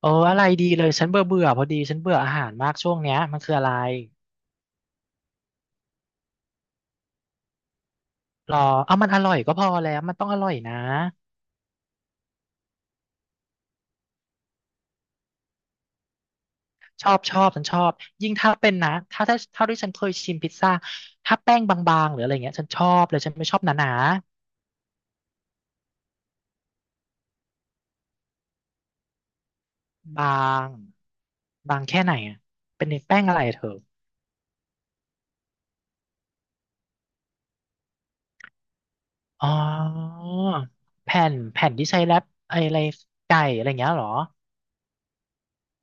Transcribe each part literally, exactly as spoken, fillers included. เอออะไรดีเลยฉันเบื่อเบื่อพอดีฉันเบื่ออาหารมากช่วงเนี้ยมันคืออะไรรอเอามันอร่อยก็พอแล้วมันต้องอร่อยนะชอบชอบฉันชอบยิ่งถ้าเป็นนะถ้าถ้าเท่าที่ฉันเคยชิมพิซซ่าถ้าแป้งบางๆหรืออะไรเงี้ยฉันชอบเลยฉันไม่ชอบหนาๆบางบางแค่ไหนอะเป็นแป้งอะไรอะเธออ๋อแผ่นแผ่นที่ใช้แรปไออะไรไก่อะไรเงี้ยเหรอ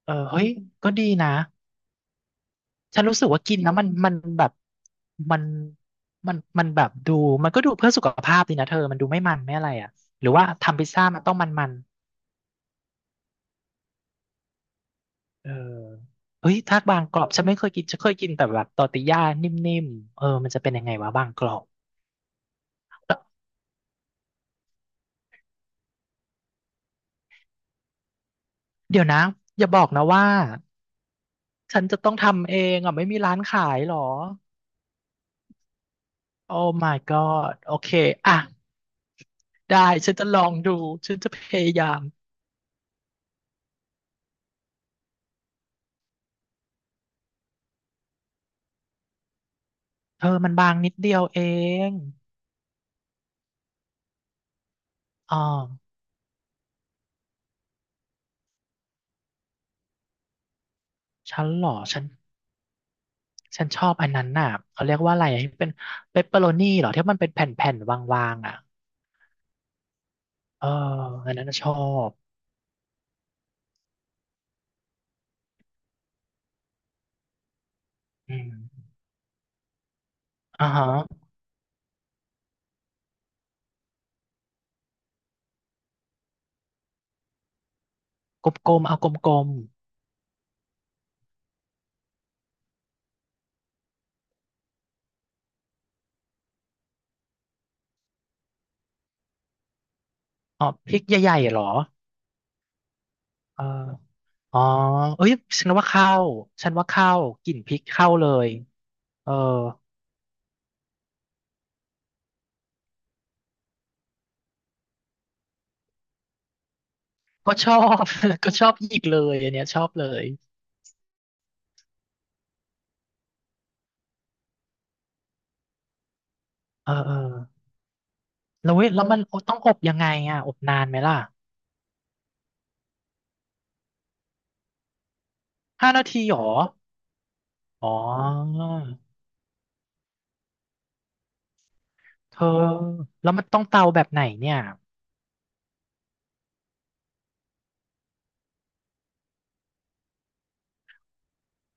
เออเฮ้ยก็ดีนะ ฉันรู้สึกว่ากินแล้วมันมันแบบมันมันมันแบบดูมันก็ดูเพื่อสุขภาพดีนะเธอมันดูไม่มันไม่อะไรอ่ะหรือว่าทำพิซซ่ามันต้องมันมันเออเฮ้ยทากบางกรอบฉันไม่เคยกินฉันเคยกินแต่แบบตอร์ติญ่านิ่มๆเออมันจะเป็นยังไงวะบางกรอบเดี๋ยวนะอย่าบอกนะว่าฉันจะต้องทำเองอ่ะไม่มีร้านขายเหรอโอ้ my god โอเคอ่ะได้ฉันจะลองดูฉันจะพยายามเธอมันบางนิดเดียวเองอ๋อฉันเหรอฉัน ฉันชอบอันนั้นน่ะเขาเรียกว่าอะไรอ่ะที่เป็นเปปเปอโรนี่เหรอที่มันเป็นแผ่นๆวางๆอ่ะเอออันนั้นน่ะชอบอืมอ่าฮะกลมๆเอากลมๆอ๋อพริกใหญ่ๆเหรอเอออ๋อเอ้ยฉันว่าเข้าฉันว่าเข้ากลิ่นพริกเข้าเลยเออก็ชอบ ก็ชอบอีกเลยอันเนี้ยชอบเลยเออเออแล้วเว้ยแล้วมันต้องอบยังไงอ่ะอบนานไหมล่ะห้านาทีเหรออ๋อเธอแล้วมันต้องเตาแบบไหนเนี่ย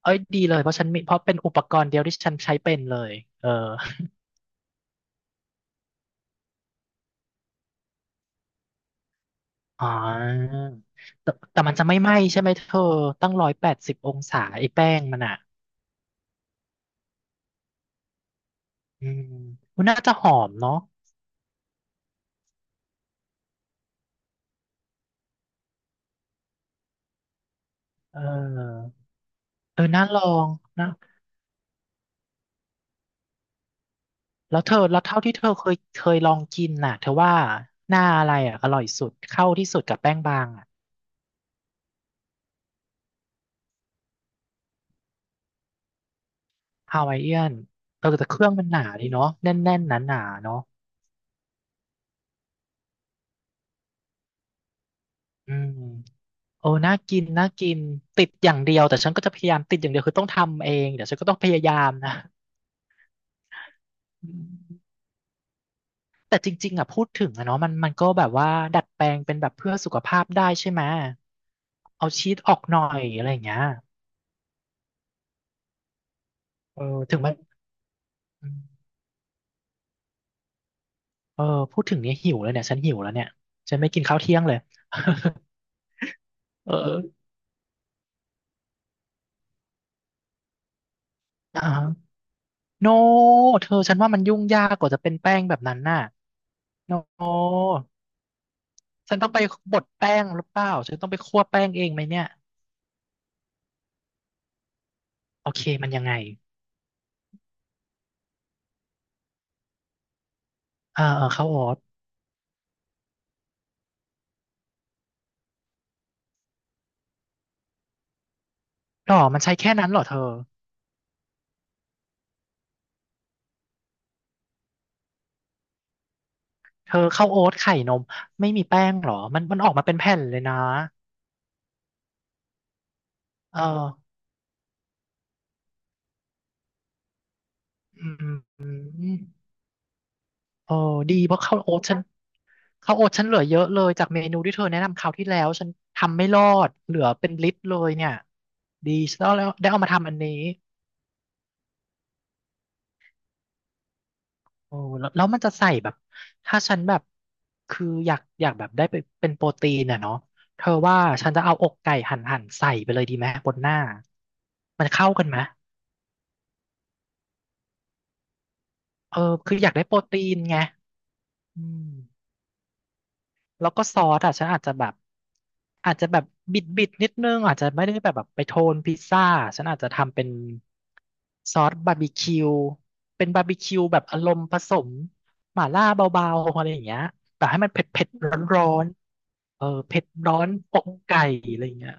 เอ้ยดีเลยเพราะฉันมีเพราะเป็นอุปกรณ์เดียวที่ฉันใช้เป็นเลยเอออ๋อแต่แต่มันจะไม่ไหม้ใช่ไหมเธอตั้งร้อยแปดสิบองศาไอ้แป้งมันอ่ะอืมมันน่าจะหอมเนาะเออเออน่าลองนะแล้วเธอแล้วเท่าที่เธอเคยเคยลองกินน่ะเธอว่าหน้าอะไรอ่ะอร่อยสุดเข้าที่สุดกับแป้งบางอ่ะฮาวายเอียนเออแต่เครื่องมันหนาดีเนาะแน่นๆหนาๆเนาะอืม โอ้น่ากิน น่ากิน ติดอย่างเดียวแต่ฉันก็จะพยายามติดอย่างเดียวคือต้องทำเองเดี๋ยวฉันก็ต้องพยายามนะอืมแต่จริงๆอ่ะพูดถึงอะเนาะมันมันก็แบบว่าดัดแปลงเป็นแบบเพื่อสุขภาพได้ใช่ไหมเอาชีสออกหน่อยอะไรอย่างเงี้ยเออถึงมันอืมเออพูดถึงเนี้ยหิวเลยเนี่ยฉันหิวแล้วเนี่ยฉันไม่กินข้าวเที่ยงเลย เอออ่าโนเธอฉันว่ามันยุ่งยากกว่าจะเป็นแป้งแบบนั้นน่ะโนฉันต้องไปบดแป้งหรือเปล่าฉันต้องไปคั่วแป้งเองไหมเนี่ย โอเคมันยังไงเออเออข้าวโอ๊ตหรอมันใช้แค่นั้นเหรอเธอ เธอข้าวโอ๊ตไข่นมไม่มีแป้งเหรอมันมันออกมาเป็นแผ่นเลยนะเอออืมอืมโอ้ดีเพราะข้าวโอ๊ตฉันข้าวโอ๊ตฉันเหลือเยอะเลยจากเมนูที่เธอแนะนำคราวที่แล้วฉันทำไม่รอดเหลือเป็นลิตรเลยเนี่ยดีฉันแล้วได้เอามาทำอันนี้ โอ้แล้วแล้วมันจะใส่แบบถ้าฉันแบบคืออยากอยากแบบได้ไปเป็นโปรตีนอะเนาะเธอว่าฉันจะเอาอกไก่หั่นหั่นใส่ไปเลยดีไหมบนหน้ามันเข้ากันไหมเออคืออยากได้โปรตีนไงอืม แล้วก็ซอสอ่ะฉันอาจจะแบบอาจจะแบบบิดบิดนิดนึงอาจจะไม่ได้แบบแบบไปโทนพิซซ่าฉันอาจจะทำเป็นซอสบาร์บีคิวเป็นบาร์บีคิวแบบอารมณ์ผสมหม่าล่าเบาๆอะไรอย่างเงี้ยแต่ให้มันเผ็ดเผ็ดร้อนๆเออเผ็ดร้อนอกไก่อะไรอย่างเงี้ย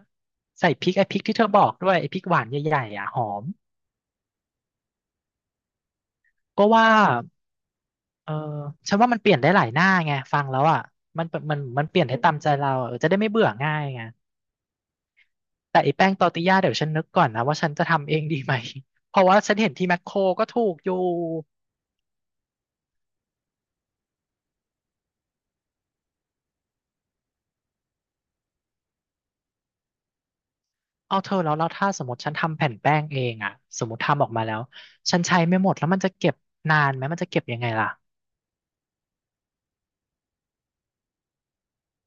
ใส่พริกไอ้พริกที่เธอบอกด้วยไอ้พริกหวานใหญ่ๆอ่ะหอมก็ว่าเออฉันว่ามันเปลี่ยนได้หลายหน้าไงฟังแล้วอ่ะมันมันมันเปลี่ยนได้ตามใจเราเออจะได้ไม่เบื่อง่ายไง แต่ไอ้แป้งตอร์ติญญาเดี๋ยวฉันนึกก่อนนะว่าฉันจะทำเองดีไหม เพราะว่าฉันเห็นที่แมคโครก็ถูกอยู่เอาเธอแล้วแล้วถ้าสมมติฉันทำแผ่นแป้งเองอะสมมติทำออกมาแล้วฉันใช้ไม่หมดแล้วมันจะเก็บนานไหมมันจะเก็บยังไงล่ะ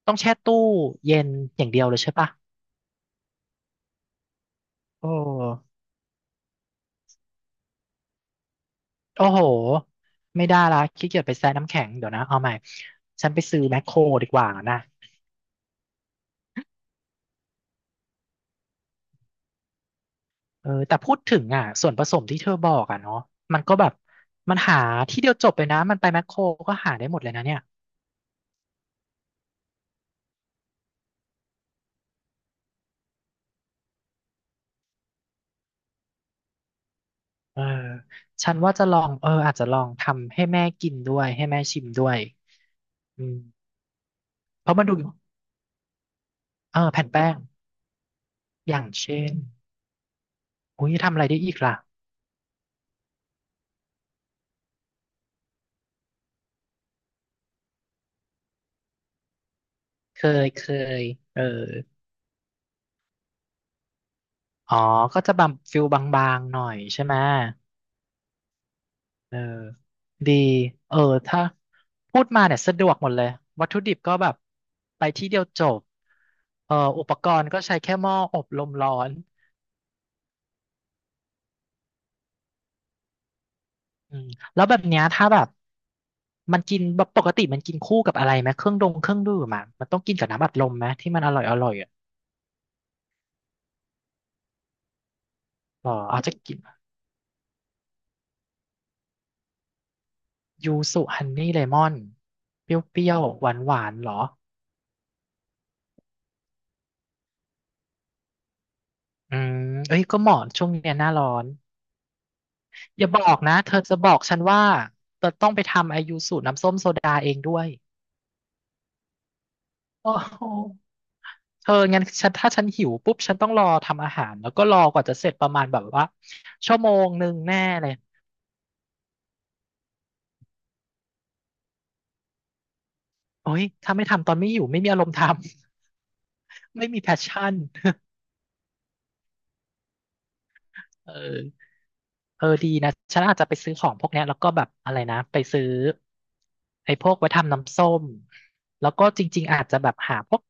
ต้องแช่ตู้เย็นอย่างเดียวเลยใช่ปะโอ้โอ้โหไม่ได้ละขี้เกียจไปแช่น้ำแข็งเดี๋ยวนะเอาใหม่ฉันไปซื้อแมคโครดีกว่านะเออแต่พูดถึงอ่ะส่วนผสมที่เธอบอกอ่ะเนาะมันก็แบบมันหาที่เดียวจบเลยนะมันไปแมคโครก็หาได้หมดเลยนะเนี่ย เออฉันว่าจะลองเอออาจจะลองทำให้แม่กินด้วยให้แม่ชิมด้วยอืมเพราะมันดูเออแผ่นแป้งอย่างเช่นอุ้ยทำอะไรได้อีกล่ะเคยเคยเอออ๋อก็จะบางฟิลบางๆหน่อยใช่ไหมเออดีเออถ้าพูดมาเนี่ยสะดวกหมดเลยวัตถุดิบก็แบบไปที่เดียวจบเอออุปกรณ์ก็ใช้แค่หม้ออบลมร้อน อืมแล้วแบบเนี้ยถ้าแบบมันกินแบบปกติมันกินคู่กับอะไรไหมเครื่องดองเครื่องดื่มอะมันต้องกินกับน้ำอัดลมไหมที่มันอร่อยอร่อยอ่ะอ๋อเอาจะกินยูสุฮันนี่เลมอนเปรี้ยวๆหวานหวานเหรออืมเอ้ยก็เหมาะช่วงเนี้ยหน้าร้อนอย่าบอกนะเธอจะบอกฉันว่าเธอต้องไปทำไอยูสุน้ำส้มโซดาเองด้วยโอ้โหเธองั้นฉันถ้าฉันหิวปุ๊บฉันต้องรอทำอาหารแล้วก็รอกว่าจะเสร็จประมาณแบบว่าชั่วโมงหนึ่งแน่เลย โอ้ยถ้าไม่ทำตอนไม่อยู่ไม่มีอารมณ์ทำ ไม่มีแพชชั่นเออเออดีนะฉันอาจจะไปซื้อของพวกเนี้ยแล้วก็แบบอะไรนะไปซื้อไอ้พวกไว้ทำน้ำส้มแล้วก็จริงๆอาจจะแบบหาพวก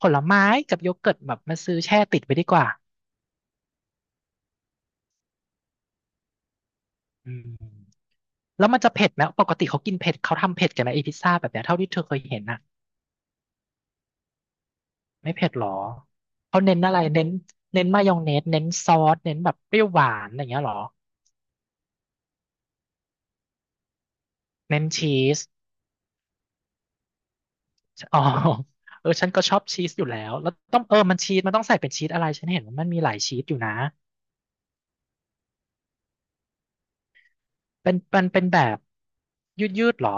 ผลไม้กับโยเกิร์ตแบบมาซื้อแช่ติดไว้ดีกว่าอืมแล้วมันจะเผ็ดไหมปกติเขากินเผ็ดเขาทำเผ็ดกันไหมไอพิซซ่าแบบเนี้ยเท่าที่เธอเคยเห็นน่ะไม่เผ็ดหรอเขาเน้นอะไรเน้นเน้นมายองเนสเน้นซอสเน้นแบบเปรี้ยวหวานอะไรอย่างเงี้ยหรอเน้นชีส อ๋อเออฉันก็ชอบชีสอยู่แล้วแล้วต้องเออมันชีสมันต้องใส่เป็นชีสอะไรฉันเห็นว่ามันมีหลายชีสอยู่นะเป็นเป็นเป็นแบบยืดยืดหรอ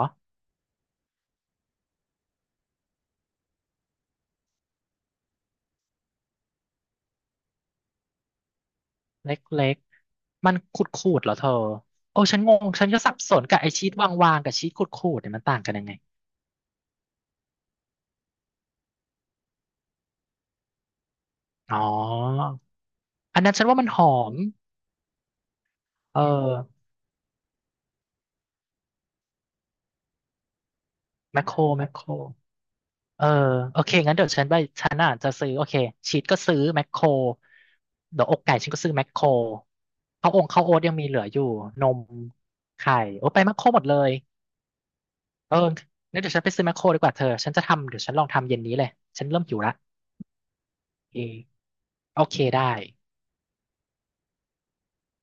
เล็กๆมันขูดขูดเหรอเธอโอ้ฉันงงฉันก็สับสนกับไอชีสวางๆกับชีสขูดขูดเนี่ยมันต่างกันยังไงอ๋ออันนั้นฉันว่ามันหอมเออแมคโครแมคโคร เออโอเคงั้นเดี๋ยวฉันไปฉันอ่ะจะซื้อโอเคชีสก็ซื้อแมคโครเดี๋ยวอกไก่ฉันก็ซื้อแมคโครข้าวองข้าวโอ๊ตยังมีเหลืออยู่นมไข่โอ้ไปแมคโครหมดเลยเอองั้นเดี๋ยวฉันไปซื้อแมคโครดีกว่าเธอฉันจะทำเดี๋ยวฉันลองทำเย็นนี้เลยฉันเริ่มหิวละเออโอเคได้